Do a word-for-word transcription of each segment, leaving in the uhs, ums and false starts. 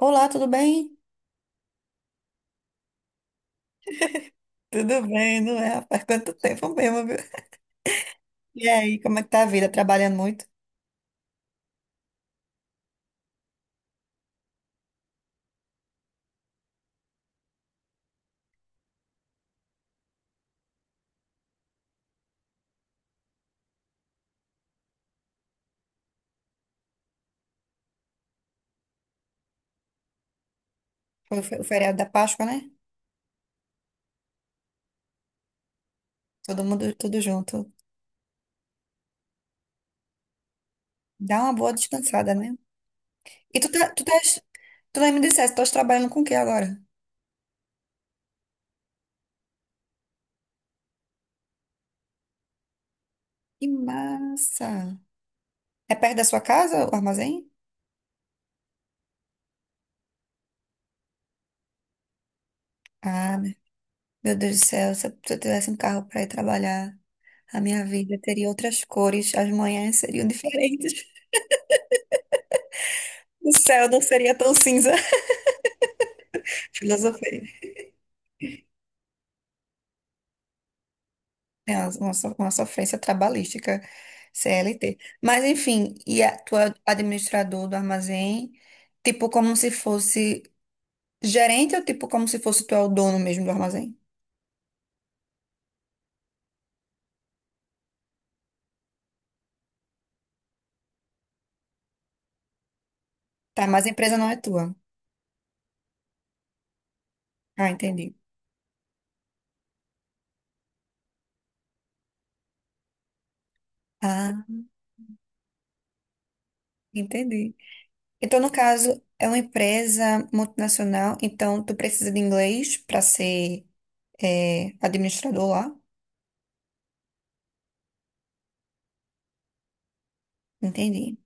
Olá, tudo bem? Tudo bem, não é? Faz quanto tempo mesmo, viu? E aí, como é que tá a vida? Trabalhando muito? Foi o fe- o feriado da Páscoa, né? Todo mundo, tudo junto. Dá uma boa descansada, né? E tu, tá, tu, tás, Tu nem me disseste, tu estás trabalhando com o que agora? Que massa! É perto da sua casa, o armazém? Ah, meu Deus do céu, se eu se eu tivesse um carro para ir trabalhar, a minha vida teria outras cores, as manhãs seriam diferentes. O céu não seria tão cinza. Filosofia. É uma, uma so- uma sofrência trabalhística, C L T. Mas, enfim, e a, tu é administrador do armazém, tipo como se fosse gerente, ou tipo como se fosse tu é o dono mesmo do armazém? Tá, mas a empresa não é tua. Ah, entendi. Ah, entendi. Então, no caso, é uma empresa multinacional, então tu precisa de inglês para ser eh, administrador lá? Entendi.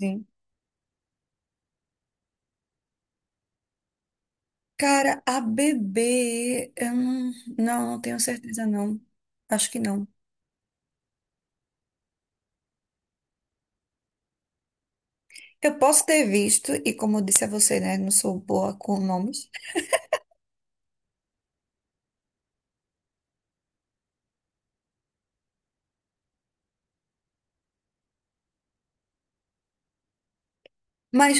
Sim. Cara, a bebê, eu não, não, não tenho certeza, não. Acho que não. Eu posso ter visto, e como eu disse a você, né? Não sou boa com nomes. Mas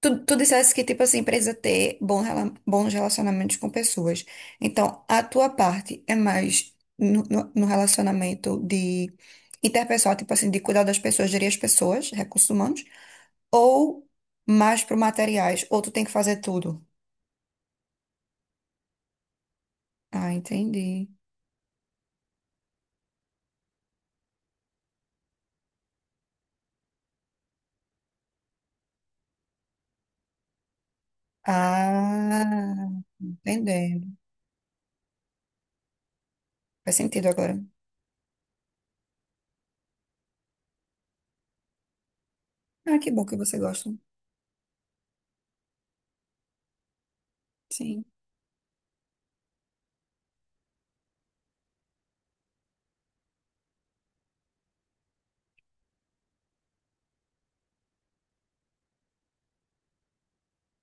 Tu, tu disseste que, tipo assim, precisa ter bom rela- bons relacionamentos com pessoas. Então, a tua parte é mais no, no- no relacionamento de interpessoal, tipo assim, de cuidar das pessoas, gerir as pessoas, recursos humanos, ou mais pro materiais, ou tu tem que fazer tudo. Ah, entendi. Ah, entendendo. Faz sentido agora. Ah, que bom que você gosta. Sim,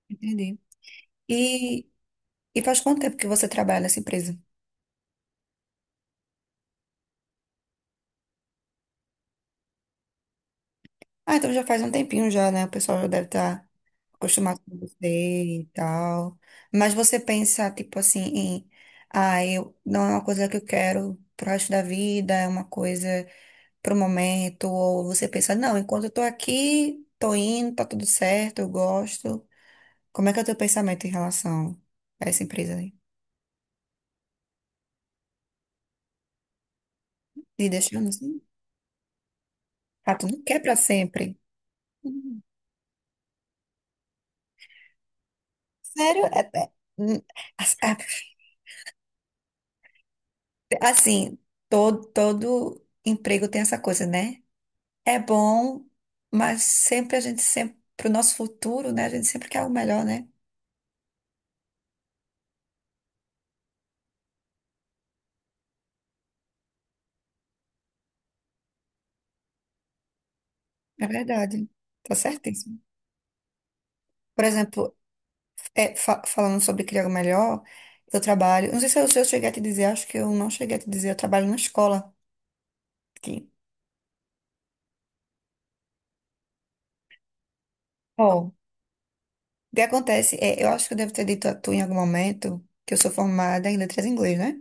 entendi. E, e faz quanto tempo que você trabalha nessa empresa? Ah, então já faz um tempinho já, né? O pessoal já deve estar acostumar com você e tal. Mas você pensa, tipo assim, em, ah, eu, não é uma coisa que eu quero pro resto da vida, é uma coisa pro momento, ou você pensa, não, enquanto eu tô aqui, tô indo, tá tudo certo, eu gosto. Como é que é o teu pensamento em relação a essa empresa aí? E deixando assim? Ah, tu não quer pra sempre. Hum. Sério? É- é- hum, as- a- Assim, todo, todo emprego tem essa coisa, né? É bom, mas sempre a gente sempre, para o nosso futuro, né? A gente sempre quer o melhor, né? É verdade. Tá certíssimo. Por exemplo, é, fa- falando sobre criar o melhor, eu trabalho. Não sei se eu, se eu cheguei a te dizer, acho que eu não cheguei a te dizer, eu trabalho numa escola aqui. Ó, o que acontece? É, eu acho que eu devo ter dito a tu em algum momento que eu sou formada em letras em inglês, né?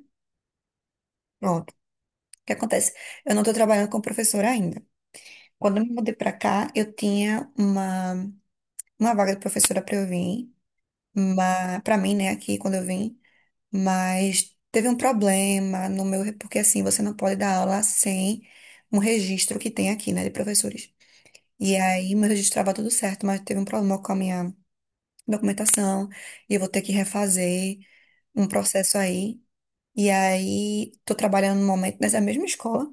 Pronto. O que acontece? Eu não estou trabalhando como professora ainda. Quando eu me mudei para cá, eu tinha uma, uma vaga de professora para eu vir. Mas para mim, né, aqui quando eu vim, mas teve um problema no meu, porque assim, você não pode dar aula sem um registro que tem aqui, né, de professores. E aí meu registro estava tudo certo, mas teve um problema com a minha documentação, e eu vou ter que refazer um processo aí. E aí tô trabalhando no momento nessa mesma escola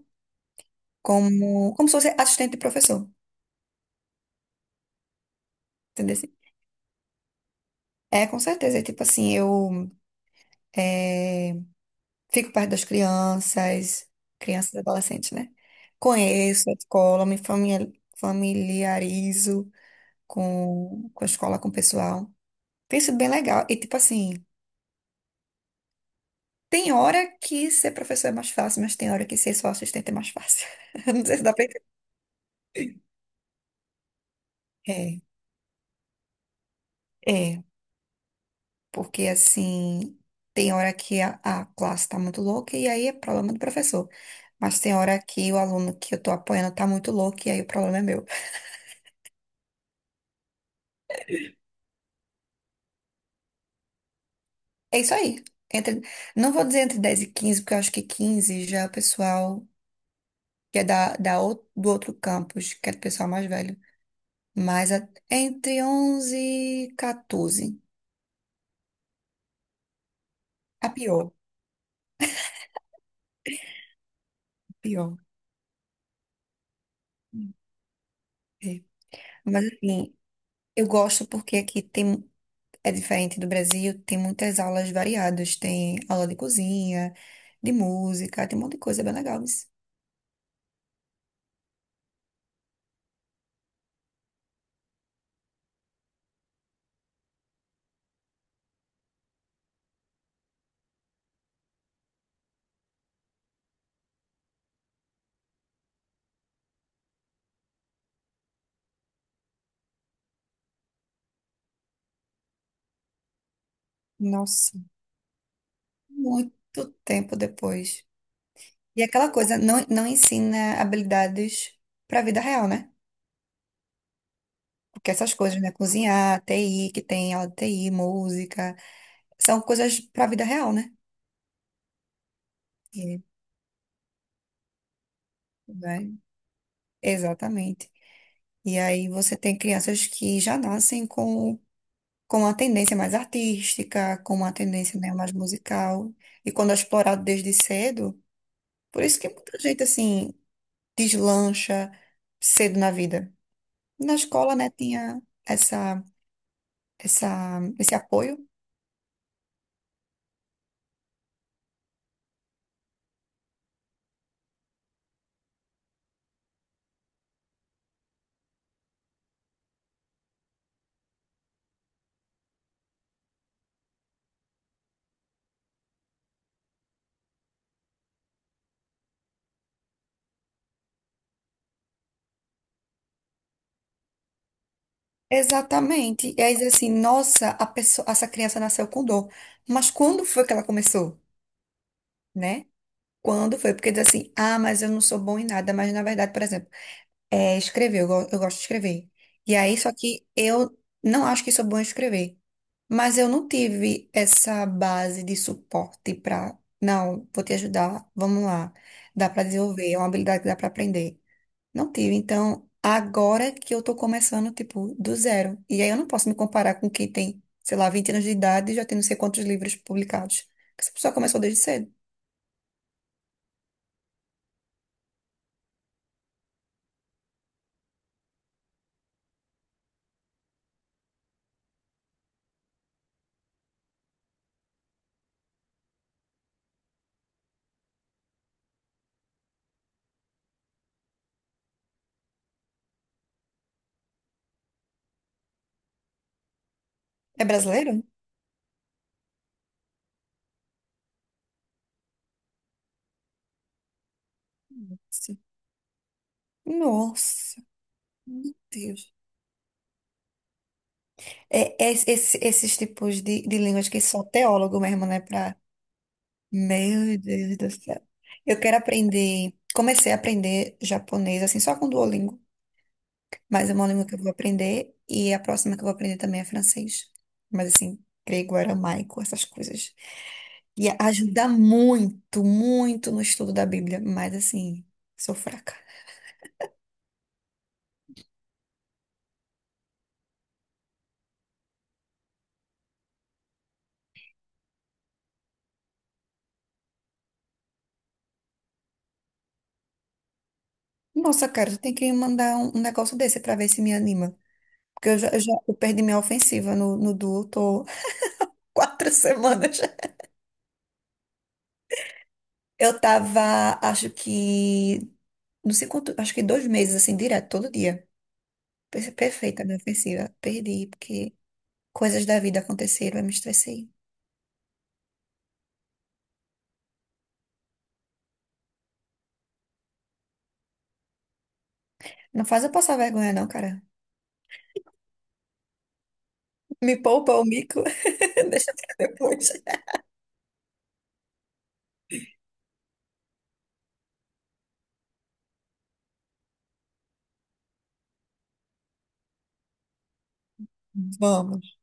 como como se fosse assistente de professor, entendeu? É, com certeza. É tipo assim, eu eh, fico perto das crianças, crianças e adolescentes, né? Conheço a escola, me famia- familiarizo com, com a escola, com o pessoal. Tem sido bem legal. E, tipo assim, tem hora que ser professor é mais fácil, mas tem hora que ser só assistente é mais fácil. Não sei se dá pra entender. É, é. Porque, assim, tem hora que a, a classe tá muito louca e aí é problema do professor. Mas tem hora que o aluno que eu tô apoiando tá muito louco e aí o problema é meu. É isso aí. Entre, não vou dizer entre dez e quinze porque eu acho que quinze já é o pessoal que é da, da, ou- do outro campus, que é o pessoal mais velho. Mas a- entre onze e quatorze. A pior, a pior. É. Mas assim, eu gosto porque aqui tem, é diferente do Brasil, tem muitas aulas variadas. Tem aula de cozinha, de música, tem um monte de coisa bem legal. mas, Nossa, muito tempo depois. E aquela coisa não, não ensina habilidades para a vida real, né? Porque essas coisas, né? Cozinhar, T I, que tem aula de T I, música, são coisas para a vida real, né? E, né? Exatamente. E aí você tem crianças que já nascem com, com uma tendência mais artística, com uma tendência, né, mais musical. E quando é explorado desde cedo, por isso que muita gente, assim, deslancha cedo na vida. Na escola, né, tinha essa, essa, esse apoio. Exatamente. E aí diz assim, nossa, a pessoa, essa criança nasceu com dor. Mas quando foi que ela começou, né? Quando foi? Porque diz assim, ah, mas eu não sou bom em nada. Mas na verdade, por exemplo, é escrever, eu, go- eu gosto de escrever. E aí, só que eu não acho que sou bom em escrever. Mas eu não tive essa base de suporte para, não, vou te ajudar, vamos lá. Dá para desenvolver, é uma habilidade que dá para aprender. Não tive. Então, agora que eu tô começando, tipo, do zero. E aí eu não posso me comparar com quem tem, sei lá, vinte anos de idade e já tem não sei quantos livros publicados. Porque essa pessoa começou desde cedo. É brasileiro? Sim. Nossa, meu Deus. É, é- esse- esses tipos de, de línguas que só teólogo mesmo, né? Meu Deus do céu. Eu quero aprender. Comecei a aprender japonês, assim, só com Duolingo. Mas é uma língua que eu vou aprender. E a próxima que eu vou aprender também é francês. Mas, assim, grego, aramaico, essas coisas. E ajuda muito, muito no estudo da Bíblia. Mas, assim, sou fraca. Nossa, cara, tu tem que me mandar um, um negócio desse pra ver se me anima. Porque eu já, eu já- eu perdi minha ofensiva no, no Duo, tô quatro semanas. Eu tava, acho que. Não sei quanto, acho que dois meses, assim, direto, todo dia. Per- Perfeita a minha ofensiva. Perdi, porque coisas da vida aconteceram, eu me estressei. Não faz eu passar vergonha, não, cara. Me poupa o mico. Deixa pra depois. Vamos.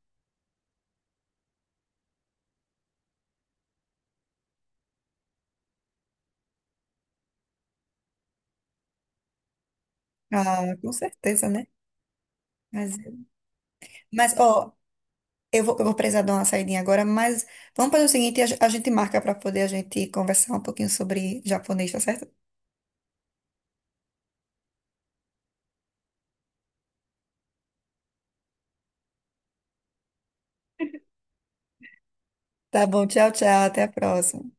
Ah, com certeza, né? Mas, mas, ó, eu vou, eu vou precisar dar uma saidinha agora, mas vamos fazer o seguinte, a, ge- a gente marca pra poder a gente conversar um pouquinho sobre japonês, tá certo? Tá bom, tchau, tchau, até a próxima.